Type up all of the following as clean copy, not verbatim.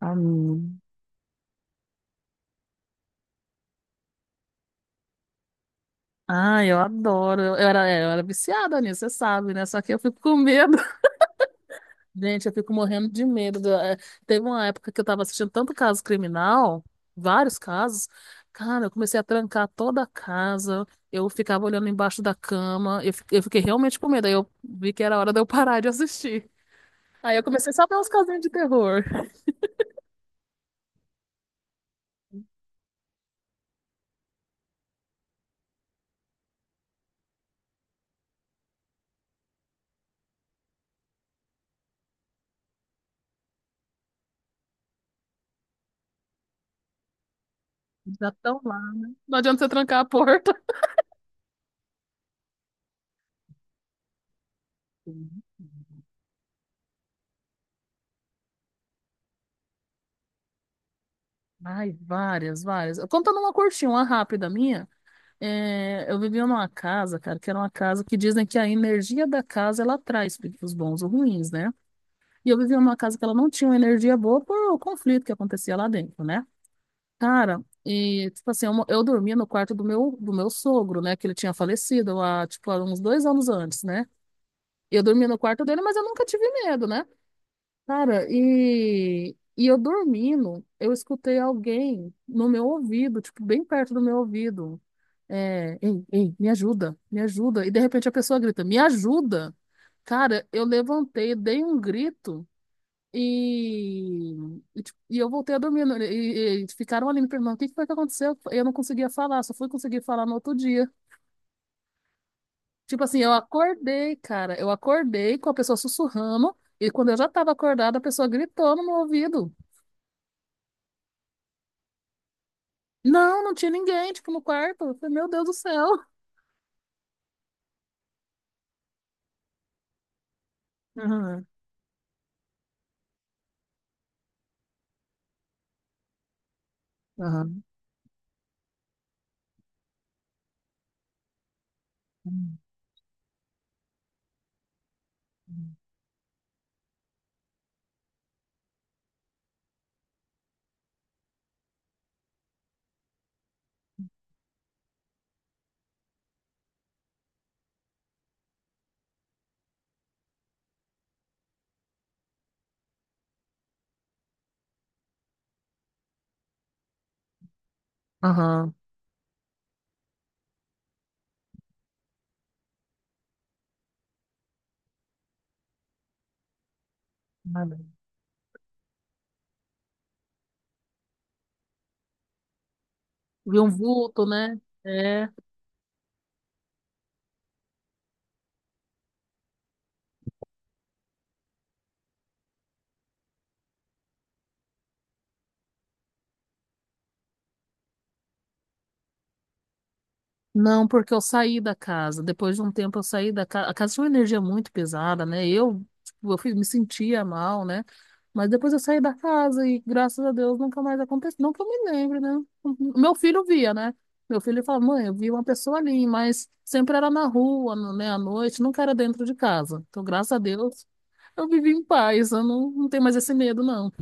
Amém. Ah, eu adoro. Eu era viciada nisso, você sabe, né? Só que eu fico com medo. Gente, eu fico morrendo de medo. Teve uma época que eu tava assistindo tanto caso criminal, vários casos. Cara, eu comecei a trancar toda a casa. Eu ficava olhando embaixo da cama. Eu fiquei realmente com medo. Aí eu vi que era hora de eu parar de assistir. Aí eu comecei só a ver uns casinhos de terror. Já estão lá, né? Não adianta você trancar a porta. Sim. Ai, várias, várias. Contando uma curtinha, uma rápida minha, eu vivia numa casa, cara, que era uma casa que dizem que a energia da casa ela traz os bons ou ruins, né? E eu vivia numa casa que ela não tinha uma energia boa por o conflito que acontecia lá dentro, né? Cara, e tipo assim, eu dormia no quarto do meu sogro, né? Que ele tinha falecido há, tipo, há uns dois anos antes, né? Eu dormia no quarto dele, mas eu nunca tive medo, né? Cara, e eu dormindo, eu escutei alguém no meu ouvido, tipo, bem perto do meu ouvido. É, ei, ei, me ajuda, me ajuda. E de repente a pessoa grita, me ajuda. Cara, eu levantei, dei um grito. E, e eu voltei a dormir. E ficaram ali me perguntando o que que foi que aconteceu. Eu não conseguia falar, só fui conseguir falar no outro dia. Tipo assim, eu acordei, cara. Eu acordei com a pessoa sussurrando. E quando eu já tava acordada, a pessoa gritou no meu ouvido. Não, não tinha ninguém, tipo, no quarto. Eu falei, meu Deus do céu. Aham, aham, aham. Ah, vi um vulto, né? É. Não, porque eu saí da casa. Depois de um tempo eu saí da casa. A casa tinha uma energia muito pesada, né? Eu, tipo, me sentia mal, né? Mas depois eu saí da casa e, graças a Deus, nunca mais aconteceu. Não que eu me lembre, né? O meu filho via, né? Meu filho falava, mãe, eu vi uma pessoa ali, mas sempre era na rua, né, à noite, nunca era dentro de casa. Então, graças a Deus, eu vivi em paz. Eu não tenho mais esse medo, não.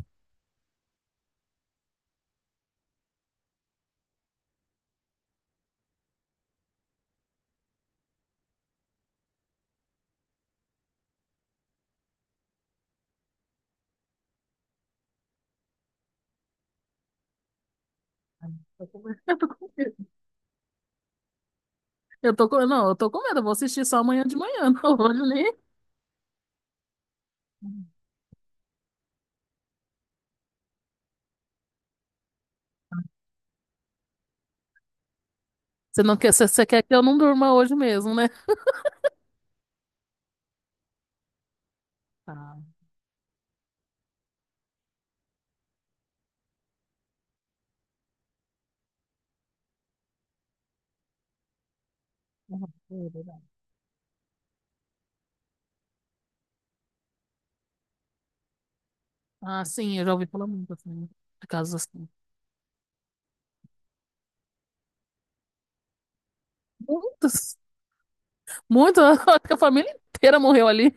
Eu tô com eu tô com medo. Eu tô com, não, eu tô com medo. Eu vou assistir só amanhã de manhã, não hoje nem. Você não quer, você quer que eu não durma hoje mesmo, né? Ah, uhum, é verdade. Ah, sim, eu já ouvi falar muito assim, de casos assim. Muitos, muitos, eu acho que a família inteira morreu ali.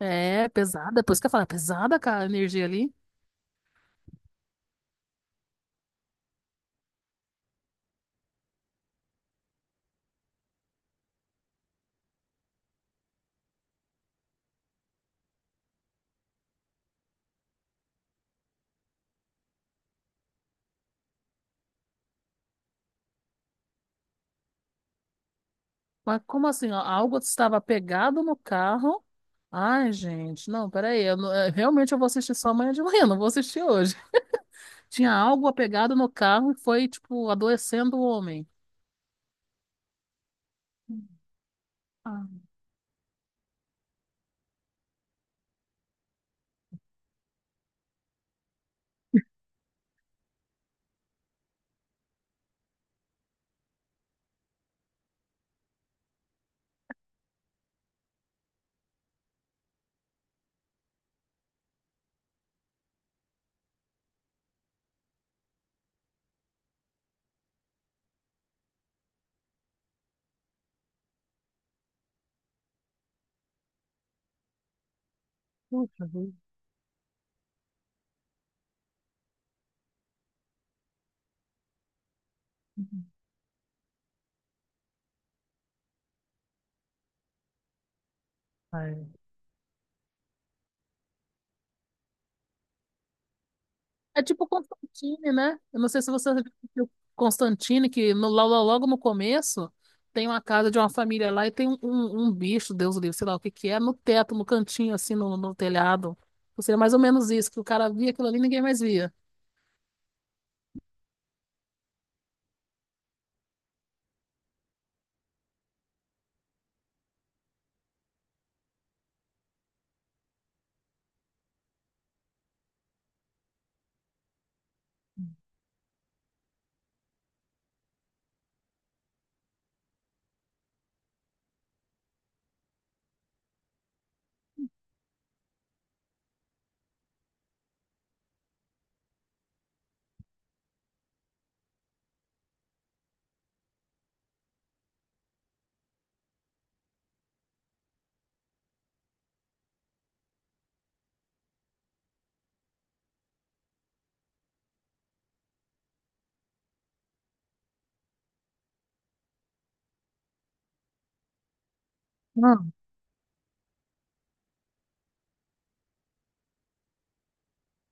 É, pesada, por isso que eu falo, é pesada, cara, a energia ali. Mas como assim? Ó, algo estava pegado no carro? Ai, gente, não, peraí. Eu, não- eh, Realmente eu vou assistir só amanhã de manhã, não vou assistir hoje. Tinha algo apegado no carro e foi, tipo, adoecendo o homem. Ah, puxa vida. Ai. É tipo Constantine, né? Eu não sei se você viu Constantine, que logo no começo tem uma casa de uma família lá e tem um bicho, Deus o livre, sei lá o que que é, no teto, no cantinho, assim, no telhado. Ou seja, mais ou menos isso, que o cara via aquilo ali e ninguém mais via.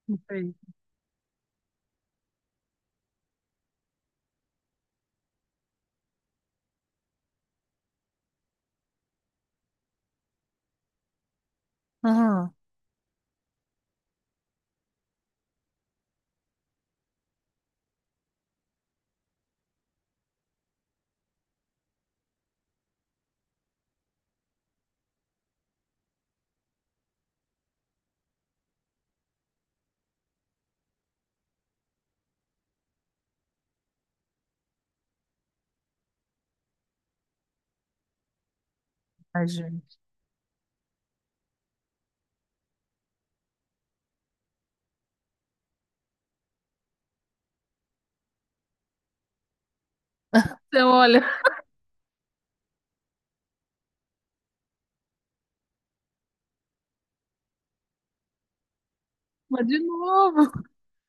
Não sei. Ah, ai, gente. Então, olha, mas de novo.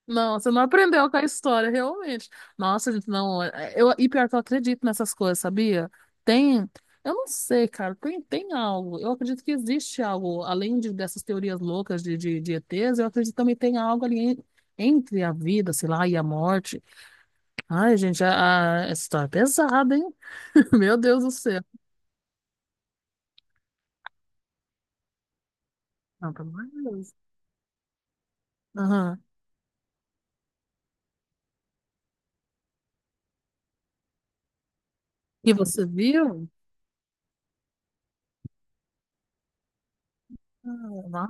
Não, você não aprendeu com a história, realmente. Nossa, gente, não. E pior que eu acredito nessas coisas, sabia? Tem. Eu não sei, cara. Tem, tem algo. Eu acredito que existe algo, dessas teorias loucas de ETs, eu acredito que também tem algo ali entre a vida, sei lá, e a morte. Ai, gente, essa história é pesada, hein? Meu Deus do céu. Não, pelo amor de Deus. Aham. E você viu? Ah, lá.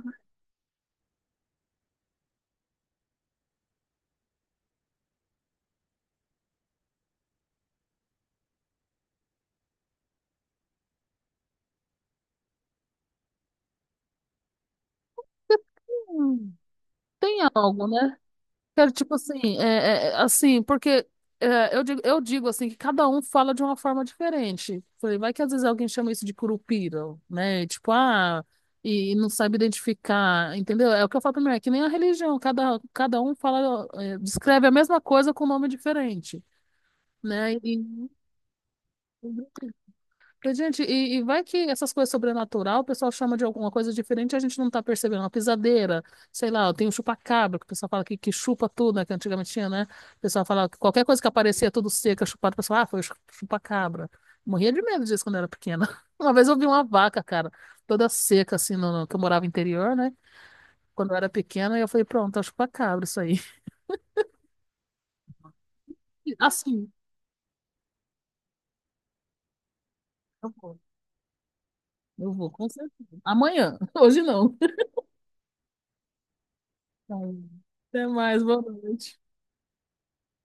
Tem algo, né? Quero, tipo assim, assim, porque eu digo assim, que cada um fala de uma forma diferente. Falei, vai que às vezes alguém chama isso de curupira, né? E, tipo, ah, e, não sabe identificar, entendeu? É o que eu falo primeiro, é que nem a religião, cada um fala, é, descreve a mesma coisa com nome diferente, né? E, falei, gente, e vai que essas coisas sobrenatural, o pessoal chama de alguma coisa diferente, e a gente não tá percebendo. Uma pisadeira, sei lá, tem o chupacabra, que o pessoal fala que chupa tudo, né? Que antigamente tinha, né? O pessoal falava que qualquer coisa que aparecia tudo seca, chupada, o pessoal, ah, foi o chupacabra. Morria de medo disso quando eu era pequena. Uma vez eu vi uma vaca, cara, toda seca, assim, que eu morava interior, né? Quando eu era pequena, e eu falei, pronto, é o chupacabra isso aí. Assim, eu vou, eu vou, com certeza. Amanhã, hoje não. Tá bom. Até mais, boa noite.